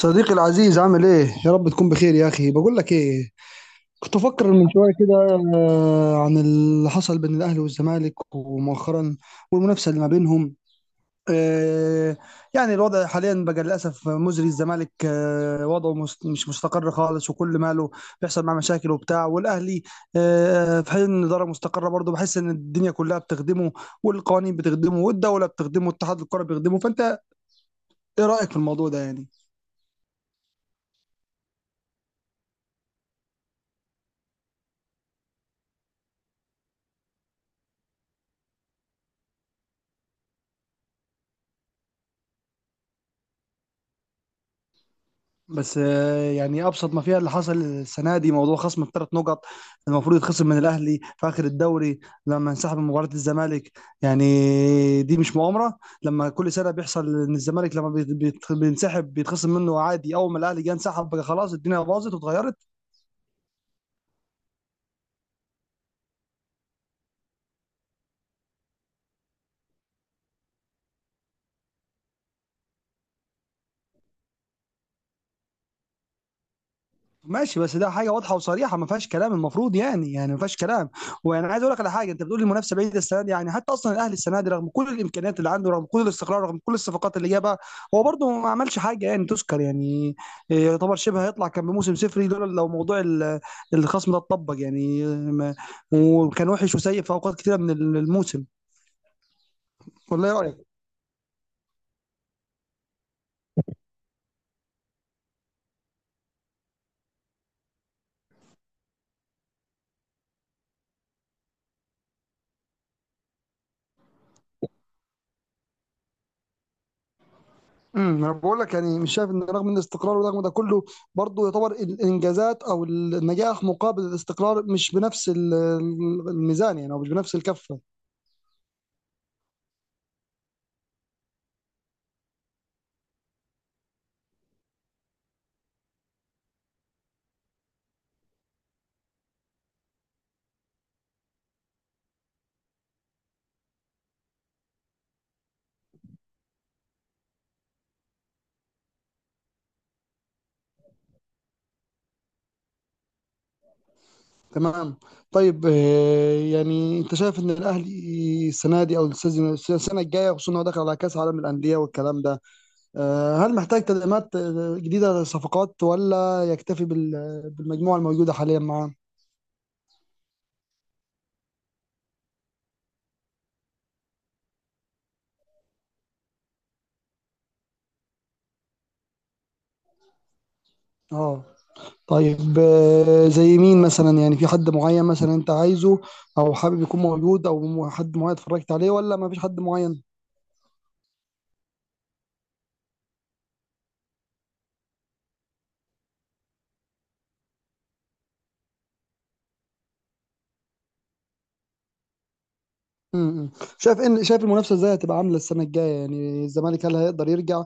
صديقي العزيز عامل ايه؟ يا رب تكون بخير يا اخي، بقول لك ايه؟ كنت افكر من شويه كده عن اللي حصل بين الاهلي والزمالك ومؤخرا والمنافسه اللي ما بينهم. آه، يعني الوضع حاليا بقى للاسف مزري. الزمالك وضعه مش مستقر خالص، وكل ماله بيحصل معاه مشاكل وبتاع، والاهلي في حين ان الاداره مستقره برضه، بحس ان الدنيا كلها بتخدمه والقوانين بتخدمه والدوله بتخدمه والاتحاد الكره بيخدمه. فانت ايه رايك في الموضوع ده يعني؟ بس يعني ابسط ما فيها اللي حصل السنه دي موضوع خصم الثلاث نقط المفروض يتخصم من الاهلي في اخر الدوري لما انسحب من مباراه الزمالك. يعني دي مش مؤامره لما كل سنه بيحصل ان الزمالك لما بينسحب بيتخصم منه عادي، اول ما الاهلي جه انسحب بقى خلاص الدنيا باظت واتغيرت. ماشي، بس ده حاجه واضحه وصريحه ما فيهاش كلام، المفروض يعني، يعني ما فيهاش كلام. وانا عايز اقول لك على حاجه، انت بتقول المنافسه بعيده السنه دي، يعني حتى اصلا الاهلي السنه دي رغم كل الامكانيات اللي عنده، رغم كل الاستقرار، رغم كل الصفقات اللي جابها، هو برده ما عملش حاجه يعني تذكر يعني. يعتبر شبه هيطلع كان بموسم صفري لولا لو موضوع الخصم ده اتطبق يعني. وكان وحش وسيء في اوقات كتيره من الموسم، ولا ايه رايك؟ انا بقول لك يعني مش شايف ان رغم الاستقرار ورغم ده كله، برضه يعتبر الانجازات او النجاح مقابل الاستقرار مش بنفس الميزان يعني، او مش بنفس الكفه. تمام. طيب يعني انت شايف ان الاهلي السنه دي او السنه الجايه، خصوصا انه داخل على كاس عالم الانديه والكلام ده، هل محتاج تدعيمات جديده صفقات، ولا يكتفي بالمجموعه الموجوده حاليا معاه؟ اه. طيب زي مين مثلا؟ يعني في حد معين مثلا انت عايزه او حابب يكون موجود، او حد معين اتفرجت عليه، ولا ما فيش حد معين؟ امم شايف ان، شايف المنافسه ازاي هتبقى عامله السنه الجايه؟ يعني الزمالك هل هيقدر يرجع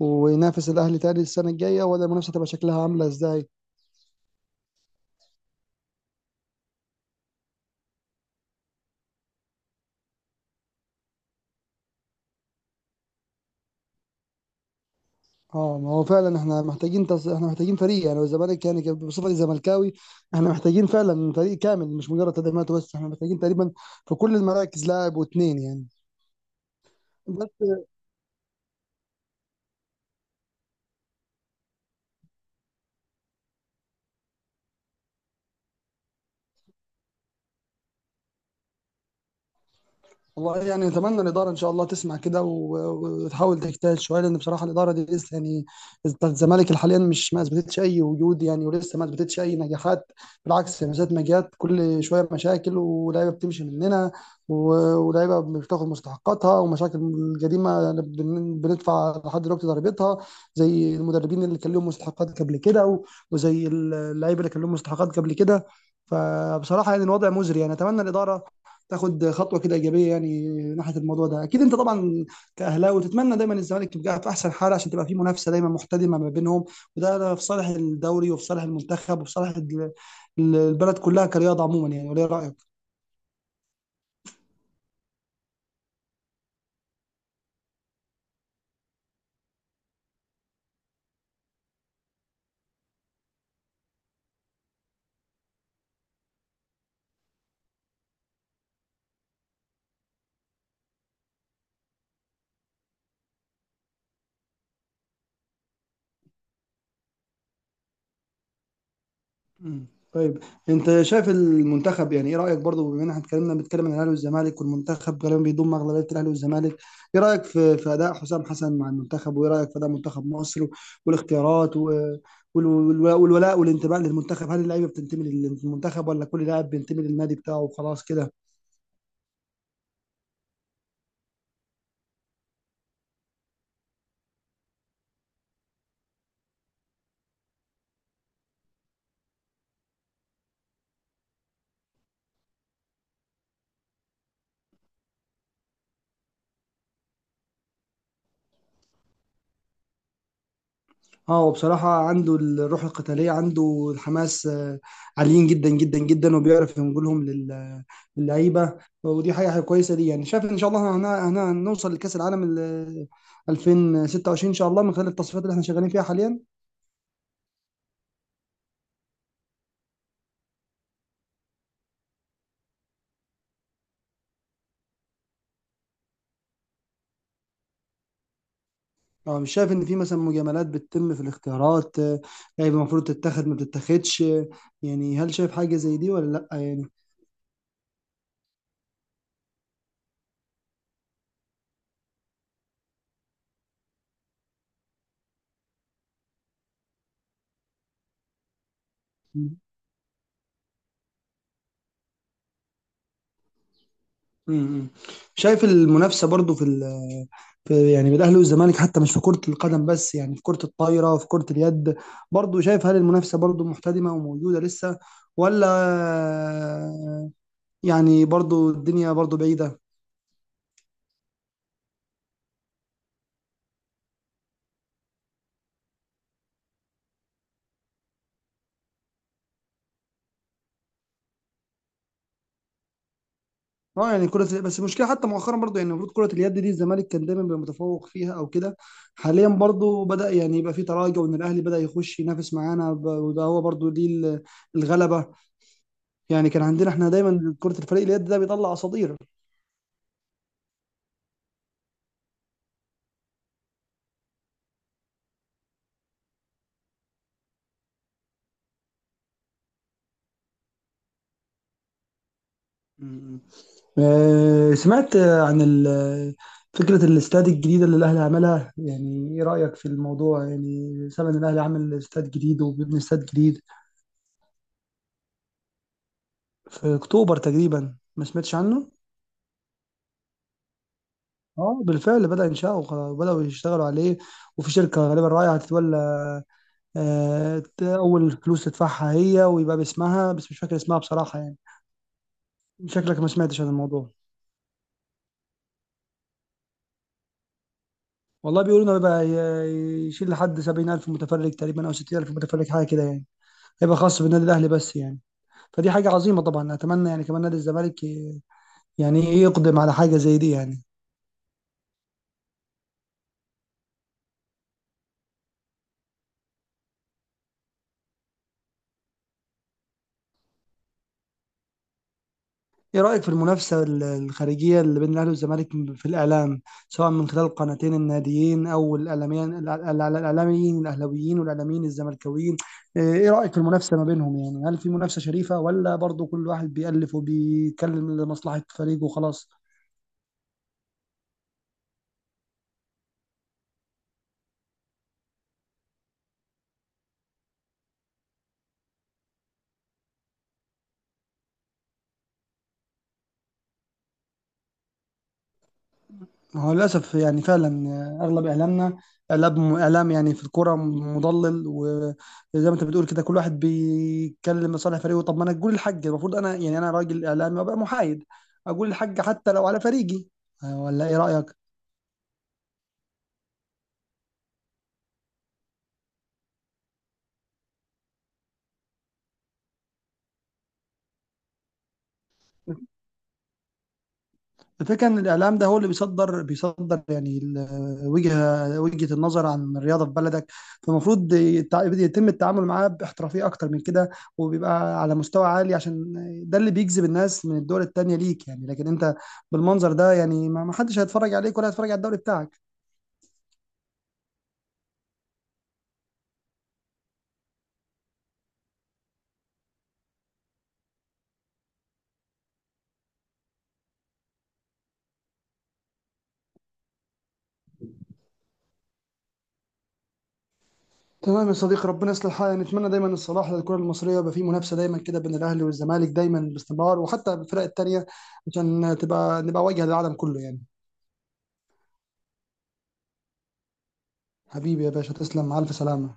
وينافس الاهلي تاني السنه الجايه، ولا المنافسه هتبقى شكلها عامله ازاي؟ اه، ما هو فعلا احنا محتاجين احنا محتاجين فريق. يعني الزمالك، يعني بصفتي زملكاوي، احنا محتاجين فعلا فريق كامل، مش مجرد تدعيمات بس. احنا محتاجين تقريبا في كل المراكز لاعب واتنين يعني. بس والله يعني نتمنى الإدارة إن شاء الله تسمع كده وتحاول تجتهد شوية، لأن بصراحة الإدارة دي لسه يعني الزمالك حاليا مش، ما أثبتتش أي وجود يعني، ولسه ما أثبتتش أي نجاحات. بالعكس، من ساعة ما جت كل شوية مشاكل، ولاعيبة بتمشي مننا، ولاعيبة مش بتاخد مستحقاتها، ومشاكل الجريمة بندفع لحد دلوقتي ضريبتها، زي المدربين اللي كان لهم مستحقات قبل كده، وزي اللعيبة اللي كان لهم مستحقات قبل كده. فبصراحة يعني الوضع مزري، يعني أتمنى الإدارة تاخد خطوه كده ايجابيه يعني ناحيه الموضوع ده. اكيد انت طبعا كاهلاوي تتمنى دايما الزمالك يبقى في احسن حال، عشان تبقى في منافسه دايما محتدمه ما بينهم، وده، ده في صالح الدوري وفي صالح المنتخب وفي صالح البلد كلها كرياضه عموما يعني، ولا إيه رايك؟ مم. طيب انت شايف المنتخب، يعني ايه رايك برضو، بما ان احنا اتكلمنا، بنتكلم عن الاهلي والزمالك والمنتخب غالبا بيضم اغلبيه الاهلي والزمالك، ايه رايك في في اداء حسام حسن مع المنتخب؟ وايه رايك في اداء منتخب مصر والاختيارات والولاء والانتماء للمنتخب؟ هل اللعيبه بتنتمي للمنتخب، ولا كل لاعب بينتمي للنادي بتاعه وخلاص كده؟ اه، هو بصراحة عنده الروح القتالية، عنده الحماس، عاليين جدا جدا جدا، وبيعرف ينقلهم للعيبة، ودي حاجة، حاجة كويسة ليه يعني. شايف ان شاء الله هنوصل لكأس العالم 2026 ان شاء الله، من خلال التصفيات اللي احنا شغالين فيها حاليا. اه، مش شايف ان في مثلا مجاملات بتتم في الاختيارات؟ لعيبة المفروض تتاخد ما بتتاخدش، يعني هل شايف حاجة زي دي، ولا لا يعني؟ امم. شايف المنافسه برضو في، في يعني بين الاهلي والزمالك حتى مش في كره القدم بس، يعني في كره الطايره، في كره اليد، برضو شايف هل المنافسه برضو محتدمه وموجوده لسه، ولا يعني برضو الدنيا برضو بعيده؟ اه يعني كره، بس المشكله حتى مؤخرا برضو يعني المفروض كره اليد دي الزمالك كان دايما بيبقى متفوق فيها او كده، حاليا برضو بدا يعني يبقى في تراجع، وان الاهلي بدا يخش ينافس معانا وده هو برضو ليه الغلبه. يعني كان عندنا احنا دايما كره الفريق اليد ده بيطلع اساطير. مم. سمعت عن فكرة الاستاد الجديدة اللي الأهلي عملها، يعني إيه رأيك في الموضوع؟ يعني سامع إن الأهلي عامل استاد جديد وبيبني استاد جديد في أكتوبر تقريبا، ما سمعتش عنه؟ اه، بالفعل بدأ إنشاؤه وخلاص، بدأوا يشتغلوا عليه، وفي شركة غالبا رايحة هتتولى، أول فلوس تدفعها هي ويبقى باسمها، بس مش فاكر اسمها بصراحة يعني. شكلك ما سمعتش عن الموضوع. والله بيقولوا إنه بيبقى يشيل لحد 70,000 متفرج تقريبا، أو 60,000 متفرج، حاجة كده يعني، هيبقى خاص بالنادي الاهلي بس يعني. فدي حاجه عظيمه طبعا، اتمنى يعني كمان نادي الزمالك يعني إيه، يقدم على حاجه زي دي يعني. ايه رايك في المنافسه الخارجيه اللي بين الاهلي والزمالك في الاعلام، سواء من خلال القناتين الناديين او الاعلاميين، الاعلاميين الاهلاويين والاعلاميين الزملكاويين؟ ايه رايك في المنافسه ما بينهم؟ يعني هل في منافسه شريفه، ولا برضو كل واحد بيألف وبيتكلم لمصلحه فريقه وخلاص؟ ما هو للأسف يعني فعلا، أغلب إعلامنا إعلام، إعلام يعني في الكرة مضلل، وزي ما أنت بتقول كده كل واحد بيتكلم لصالح فريقه. طب ما أنا أقول الحق، المفروض أنا يعني أنا راجل إعلامي وأبقى محايد، أقول الحق حتى لو على فريقي، ولا إيه رأيك؟ الفكرة إن الإعلام ده هو اللي بيصدر، بيصدر يعني وجهة، وجهة النظر عن الرياضة في بلدك، فالمفروض يتم التعامل معاه باحترافية أكتر من كده، وبيبقى على مستوى عالي، عشان ده اللي بيجذب الناس من الدول التانية ليك يعني. لكن أنت بالمنظر ده يعني ما حدش هيتفرج عليك، ولا هيتفرج على الدوري بتاعك. تمام يا صديقي، ربنا يصلح حالنا، نتمنى دايما الصلاح للكرة المصرية، يبقى في منافسة دايما كده بين الأهلي والزمالك دايما باستمرار، وحتى الفرق التانية، عشان تبقى، نبقى واجهة للعالم كله يعني. حبيبي يا باشا، تسلم، مع ألف سلامة.